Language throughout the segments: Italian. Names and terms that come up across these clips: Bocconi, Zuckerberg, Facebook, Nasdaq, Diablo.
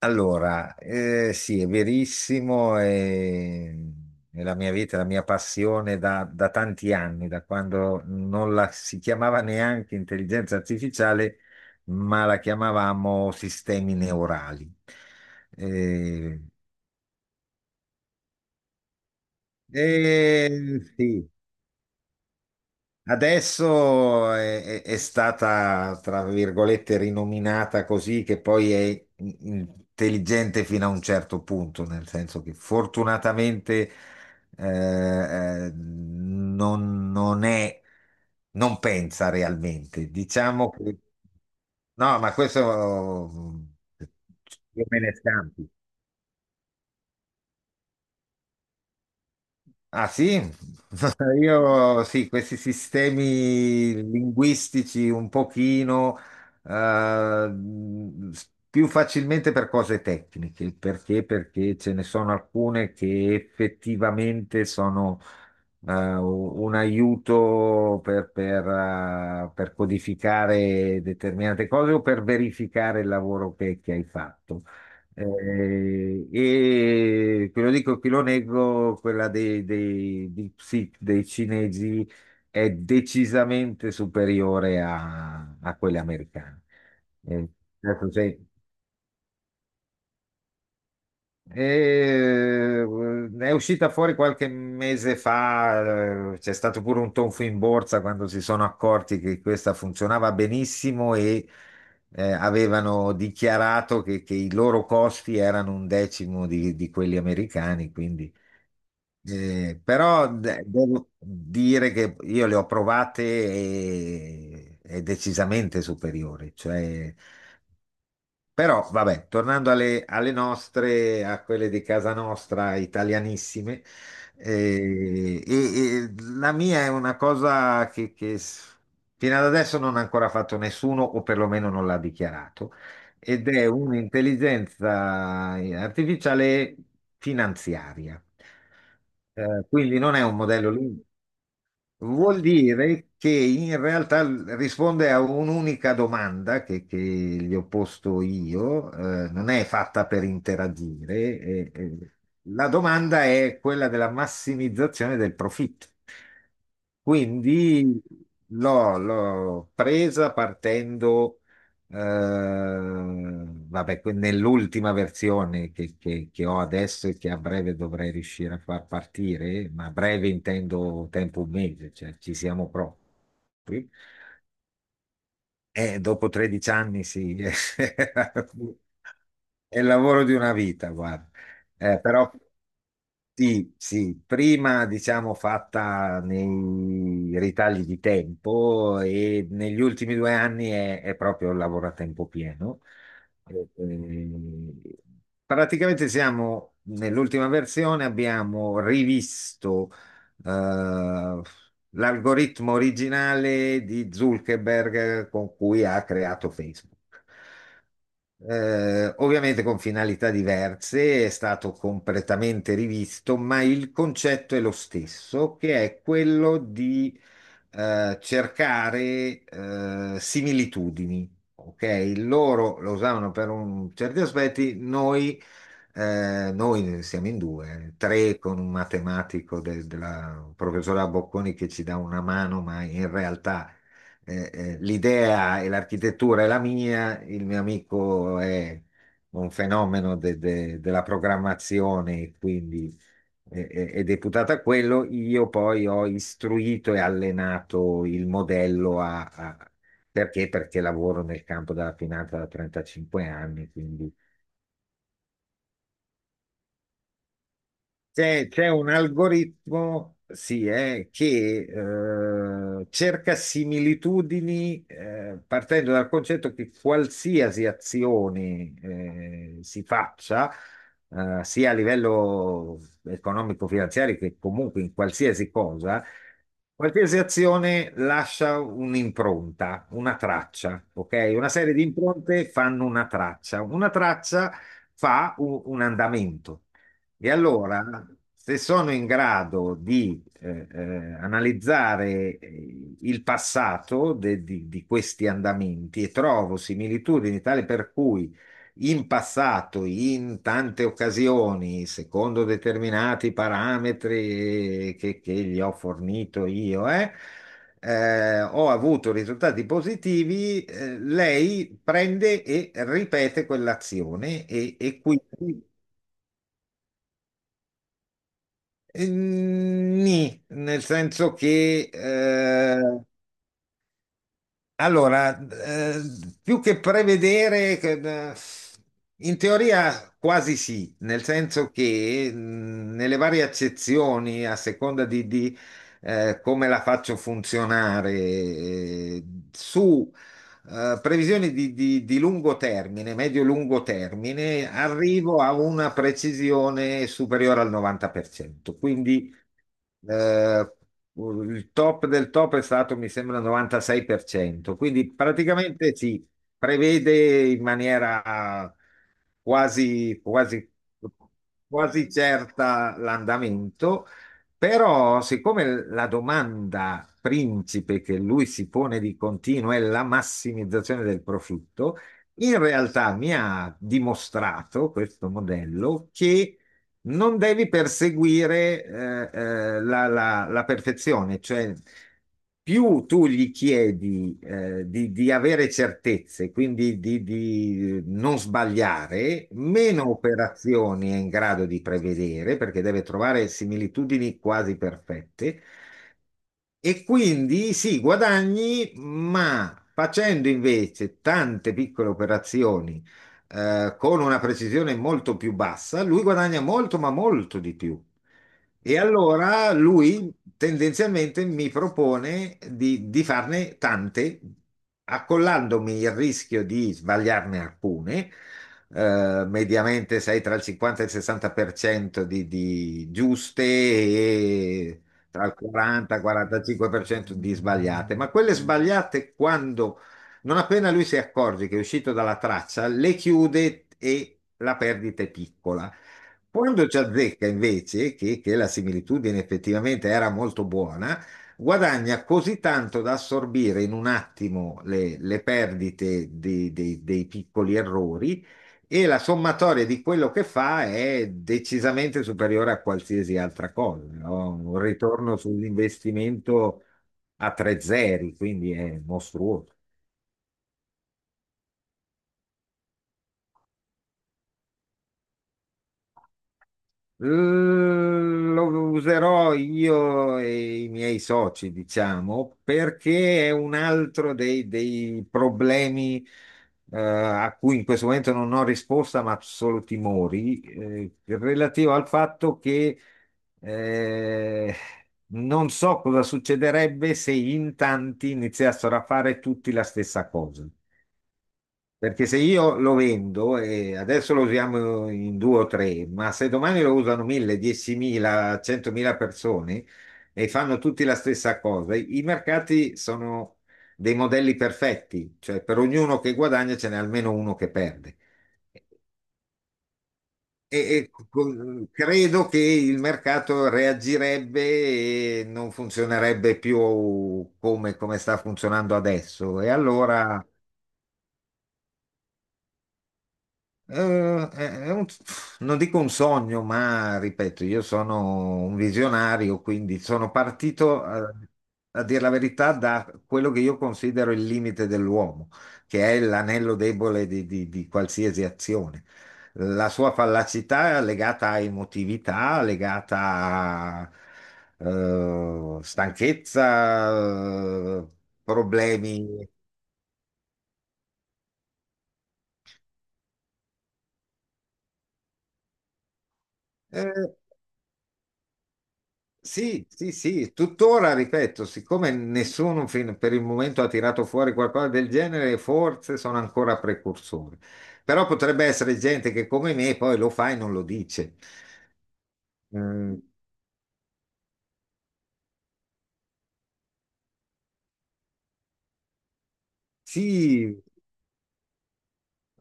Allora, sì, è verissimo, è la mia vita, la mia passione da tanti anni, da quando non la si chiamava neanche intelligenza artificiale, ma la chiamavamo sistemi neurali. Eh, sì, adesso è stata, tra virgolette, rinominata così, che poi è intelligente fino a un certo punto, nel senso che fortunatamente non è, non pensa realmente. Diciamo che, no, ma questo mm, io me ne scampo. Ah sì, io sì, questi sistemi linguistici un pochino eh, più facilmente per cose tecniche, perché? Perché ce ne sono alcune che effettivamente sono un aiuto per codificare determinate cose o per verificare il lavoro che hai fatto. E ve lo dico, e chi lo nego, quella dei cinesi è decisamente superiore a quelle americane. Eh, certo, è uscita fuori qualche mese fa, c'è stato pure un tonfo in borsa quando si sono accorti che questa funzionava benissimo e avevano dichiarato che i loro costi erano un decimo di quelli americani, quindi. Però devo dire che io le ho provate e è decisamente superiore, cioè però, vabbè, tornando alle nostre, a quelle di casa nostra, italianissime, e la mia è una cosa che fino ad adesso non ha ancora fatto nessuno, o perlomeno non l'ha dichiarato, ed è un'intelligenza artificiale finanziaria. Quindi non è un modello, lì. Vuol dire che in realtà risponde a un'unica domanda che gli ho posto io, non è fatta per interagire. La domanda è quella della massimizzazione del profitto. Quindi l'ho presa partendo vabbè, nell'ultima versione che ho adesso e che a breve dovrei riuscire a far partire, ma a breve intendo tempo un mese, cioè ci siamo proprio. Dopo 13 anni sì, è il lavoro di una vita, guarda. Però sì, sì, prima diciamo fatta nei ritagli di tempo e negli ultimi 2 anni è proprio il lavoro a tempo pieno. Eh, eh, praticamente siamo nell'ultima versione, abbiamo rivisto eh, l'algoritmo originale di Zuckerberg con cui ha creato Facebook. Ovviamente con finalità diverse, è stato completamente rivisto, ma il concetto è lo stesso, che è quello di cercare similitudini. Ok, loro lo usavano per certi aspetti, noi noi siamo in due, tre con un matematico della professora Bocconi che ci dà una mano, ma in realtà l'idea e l'architettura è la mia, il mio amico è un fenomeno della programmazione, quindi è deputato a quello. Io poi ho istruito e allenato il modello perché? Perché lavoro nel campo della finanza da 35 anni, quindi c'è un algoritmo, sì, che cerca similitudini partendo dal concetto che qualsiasi azione si faccia, sia a livello economico-finanziario che comunque in qualsiasi cosa, qualsiasi azione lascia un'impronta, una traccia, ok? Una serie di impronte fanno una traccia. Una traccia fa un andamento. E allora, se sono in grado di analizzare il passato di questi andamenti e trovo similitudini tale per cui in passato, in tante occasioni, secondo determinati parametri che gli ho fornito io, ho avuto risultati positivi, lei prende e ripete quell'azione e quindi nì, nel senso che allora eh, più che prevedere, in teoria quasi sì, nel senso che nelle varie accezioni, a seconda come la faccio funzionare, su previsioni di lungo termine, medio-lungo termine, arrivo a una precisione superiore al 90%. Quindi eh, il top del top è stato, mi sembra, 96%, quindi praticamente si prevede in maniera quasi, quasi, quasi certa l'andamento, però siccome la domanda principe che lui si pone di continuo è la massimizzazione del profitto, in realtà mi ha dimostrato questo modello che non devi perseguire la perfezione, cioè più tu gli chiedi di avere certezze, quindi di non sbagliare, meno operazioni è in grado di prevedere perché deve trovare similitudini quasi perfette e quindi sì, guadagni, ma facendo invece tante piccole operazioni con una precisione molto più bassa, lui guadagna molto, ma molto di più. E allora lui tendenzialmente mi propone di farne tante, accollandomi il rischio di sbagliarne alcune, mediamente sei tra il 50 e il 60% di giuste e tra il 40-45% di sbagliate, ma quelle sbagliate quando, non appena lui si accorge che è uscito dalla traccia, le chiude e la perdita è piccola. Quando ci azzecca invece, che la similitudine effettivamente era molto buona, guadagna così tanto da assorbire in un attimo le perdite dei piccoli errori e la sommatoria di quello che fa è decisamente superiore a qualsiasi altra cosa. No? Un ritorno sull'investimento a tre zeri, quindi è mostruoso. Lo userò io e i miei soci, diciamo, perché è un altro dei problemi a cui in questo momento non ho risposta, ma solo timori, relativo al fatto che eh, non so cosa succederebbe se in tanti iniziassero a fare tutti la stessa cosa. Perché se io lo vendo e adesso lo usiamo in due o tre, ma se domani lo usano mille, 10.000, 100.000 persone e fanno tutti la stessa cosa, i mercati sono dei modelli perfetti, cioè per ognuno che guadagna ce n'è almeno uno che perde. Credo che il mercato reagirebbe e non funzionerebbe più come sta funzionando adesso. E allora Eh, è un- non dico un sogno, ma ripeto, io sono un visionario, quindi sono partito, a dire la verità, da quello che io considero il limite dell'uomo, che è l'anello debole di qualsiasi azione. La sua fallacità è legata a emotività, legata a stanchezza, eh, problemi. eh, Sì, sì, sì, tuttora ripeto, siccome nessuno per il momento ha tirato fuori qualcosa del genere, forse sono ancora precursori. Però potrebbe essere gente che come me poi lo fa e non lo dice. Mm, sì,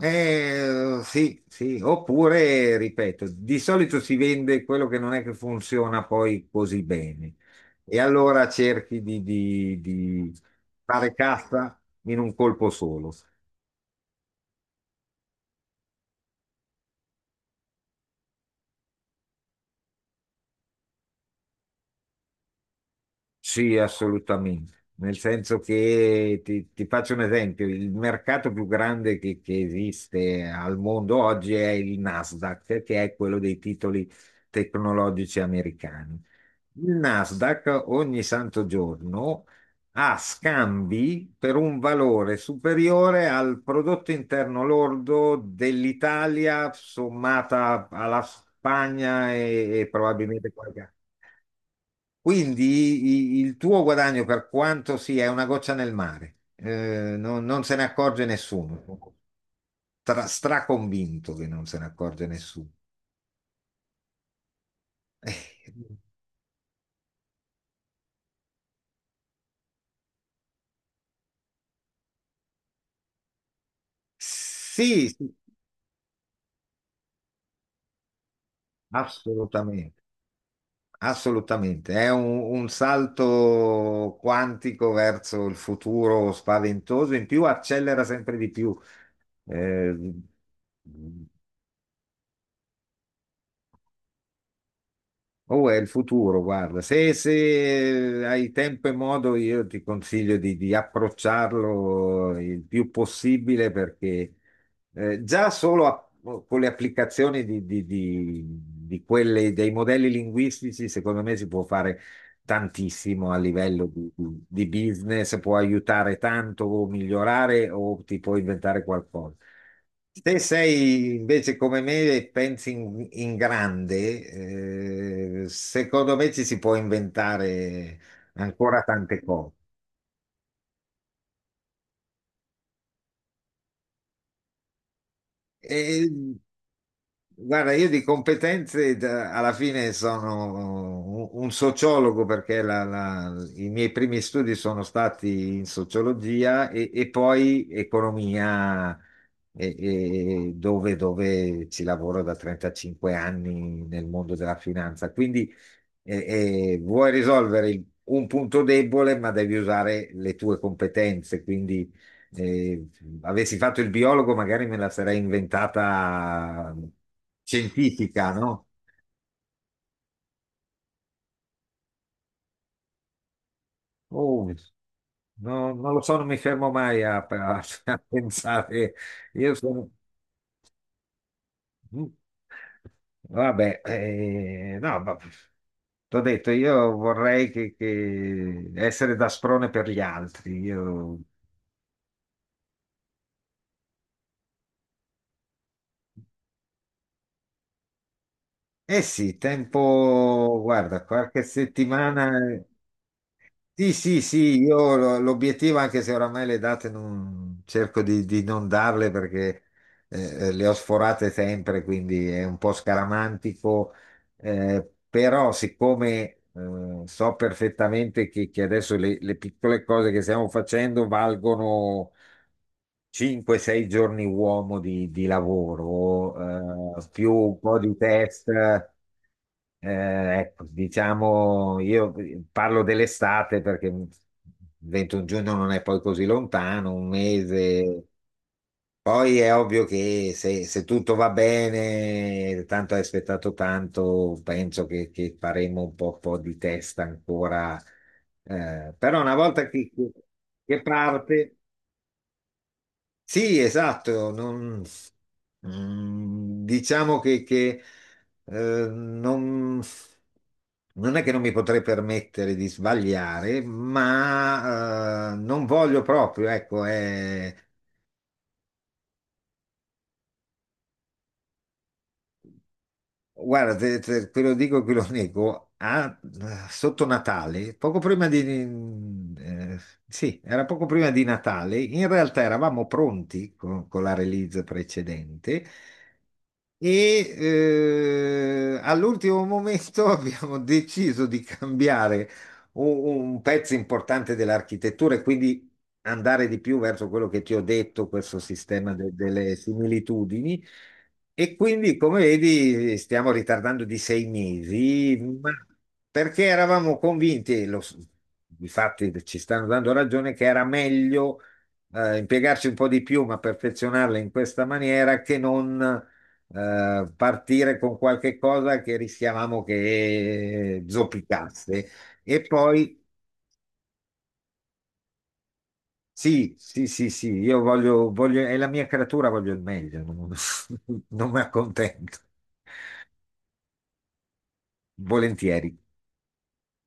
sì, sì, oppure, ripeto, di solito si vende quello che non è che funziona poi così bene e allora cerchi di fare cassa in un colpo solo. Sì, assolutamente. Nel senso che ti faccio un esempio, il mercato più grande che esiste al mondo oggi è il Nasdaq, che è quello dei titoli tecnologici americani. Il Nasdaq ogni santo giorno ha scambi per un valore superiore al prodotto interno lordo dell'Italia sommata alla Spagna e probabilmente qualche, quindi il tuo guadagno, per quanto sia, è una goccia nel mare. Non se ne accorge nessuno. Tra, straconvinto che non se ne accorge nessuno. Eh, sì, sì, assolutamente, assolutamente. È un salto quantico verso il futuro spaventoso, in più accelera sempre di più. Eh, Oh, è il futuro, guarda, se hai tempo e modo io ti consiglio di approcciarlo il più possibile perché eh, già solo a- con le applicazioni di quelle, dei modelli linguistici, secondo me si può fare tantissimo a livello di business, può aiutare tanto o migliorare o ti può inventare qualcosa. Se sei invece come me e pensi in grande, secondo me ci si può inventare ancora tante cose. E, guarda, io di competenze alla fine sono un sociologo perché i miei primi studi sono stati in sociologia e poi economia, e- e dove, dove ci lavoro da 35 anni nel mondo della finanza. Quindi vuoi risolvere un punto debole, ma devi usare le tue competenze. Quindi e avessi fatto il biologo, magari me la sarei inventata scientifica, no? Oh, non lo so, non mi fermo mai a pensare. Io sono. mm, Vabbè, no, ma t'ho detto, io vorrei che essere da sprone per gli altri. Io. Eh sì, tempo, guarda, qualche settimana. Sì, sì, sì, io l'obiettivo, anche se oramai le date non, cerco di non darle perché eh, le ho sforate sempre, quindi è un po' scaramantico, però siccome so perfettamente che adesso le piccole cose che stiamo facendo valgono 5-6 giorni uomo di lavoro, più un po' di test. Ecco, diciamo, io parlo dell'estate perché 21 giugno non è poi così lontano, un mese. Poi è ovvio che se tutto va bene, tanto hai aspettato tanto, penso che faremo un po', po' di test ancora. Però una volta che parte. Sì, esatto, diciamo che, non, non è che non mi potrei permettere di sbagliare, ma non voglio proprio, ecco, guarda, te lo dico e te lo nego, sotto Natale, poco prima di... mm, sì, era poco prima di Natale, in realtà eravamo pronti con la release precedente. All'ultimo momento abbiamo deciso di cambiare un pezzo importante dell'architettura e quindi andare di più verso quello che ti ho detto, questo sistema delle similitudini. E quindi, come vedi, stiamo ritardando di 6 mesi, ma perché eravamo convinti, difatti ci stanno dando ragione, che era meglio impiegarci un po' di più, ma perfezionarla in questa maniera che non partire con qualche cosa che rischiavamo che zoppicasse. E poi sì, sì, sì, sì, io voglio, voglio, è la mia creatura, voglio il meglio, non, non mi accontento, volentieri.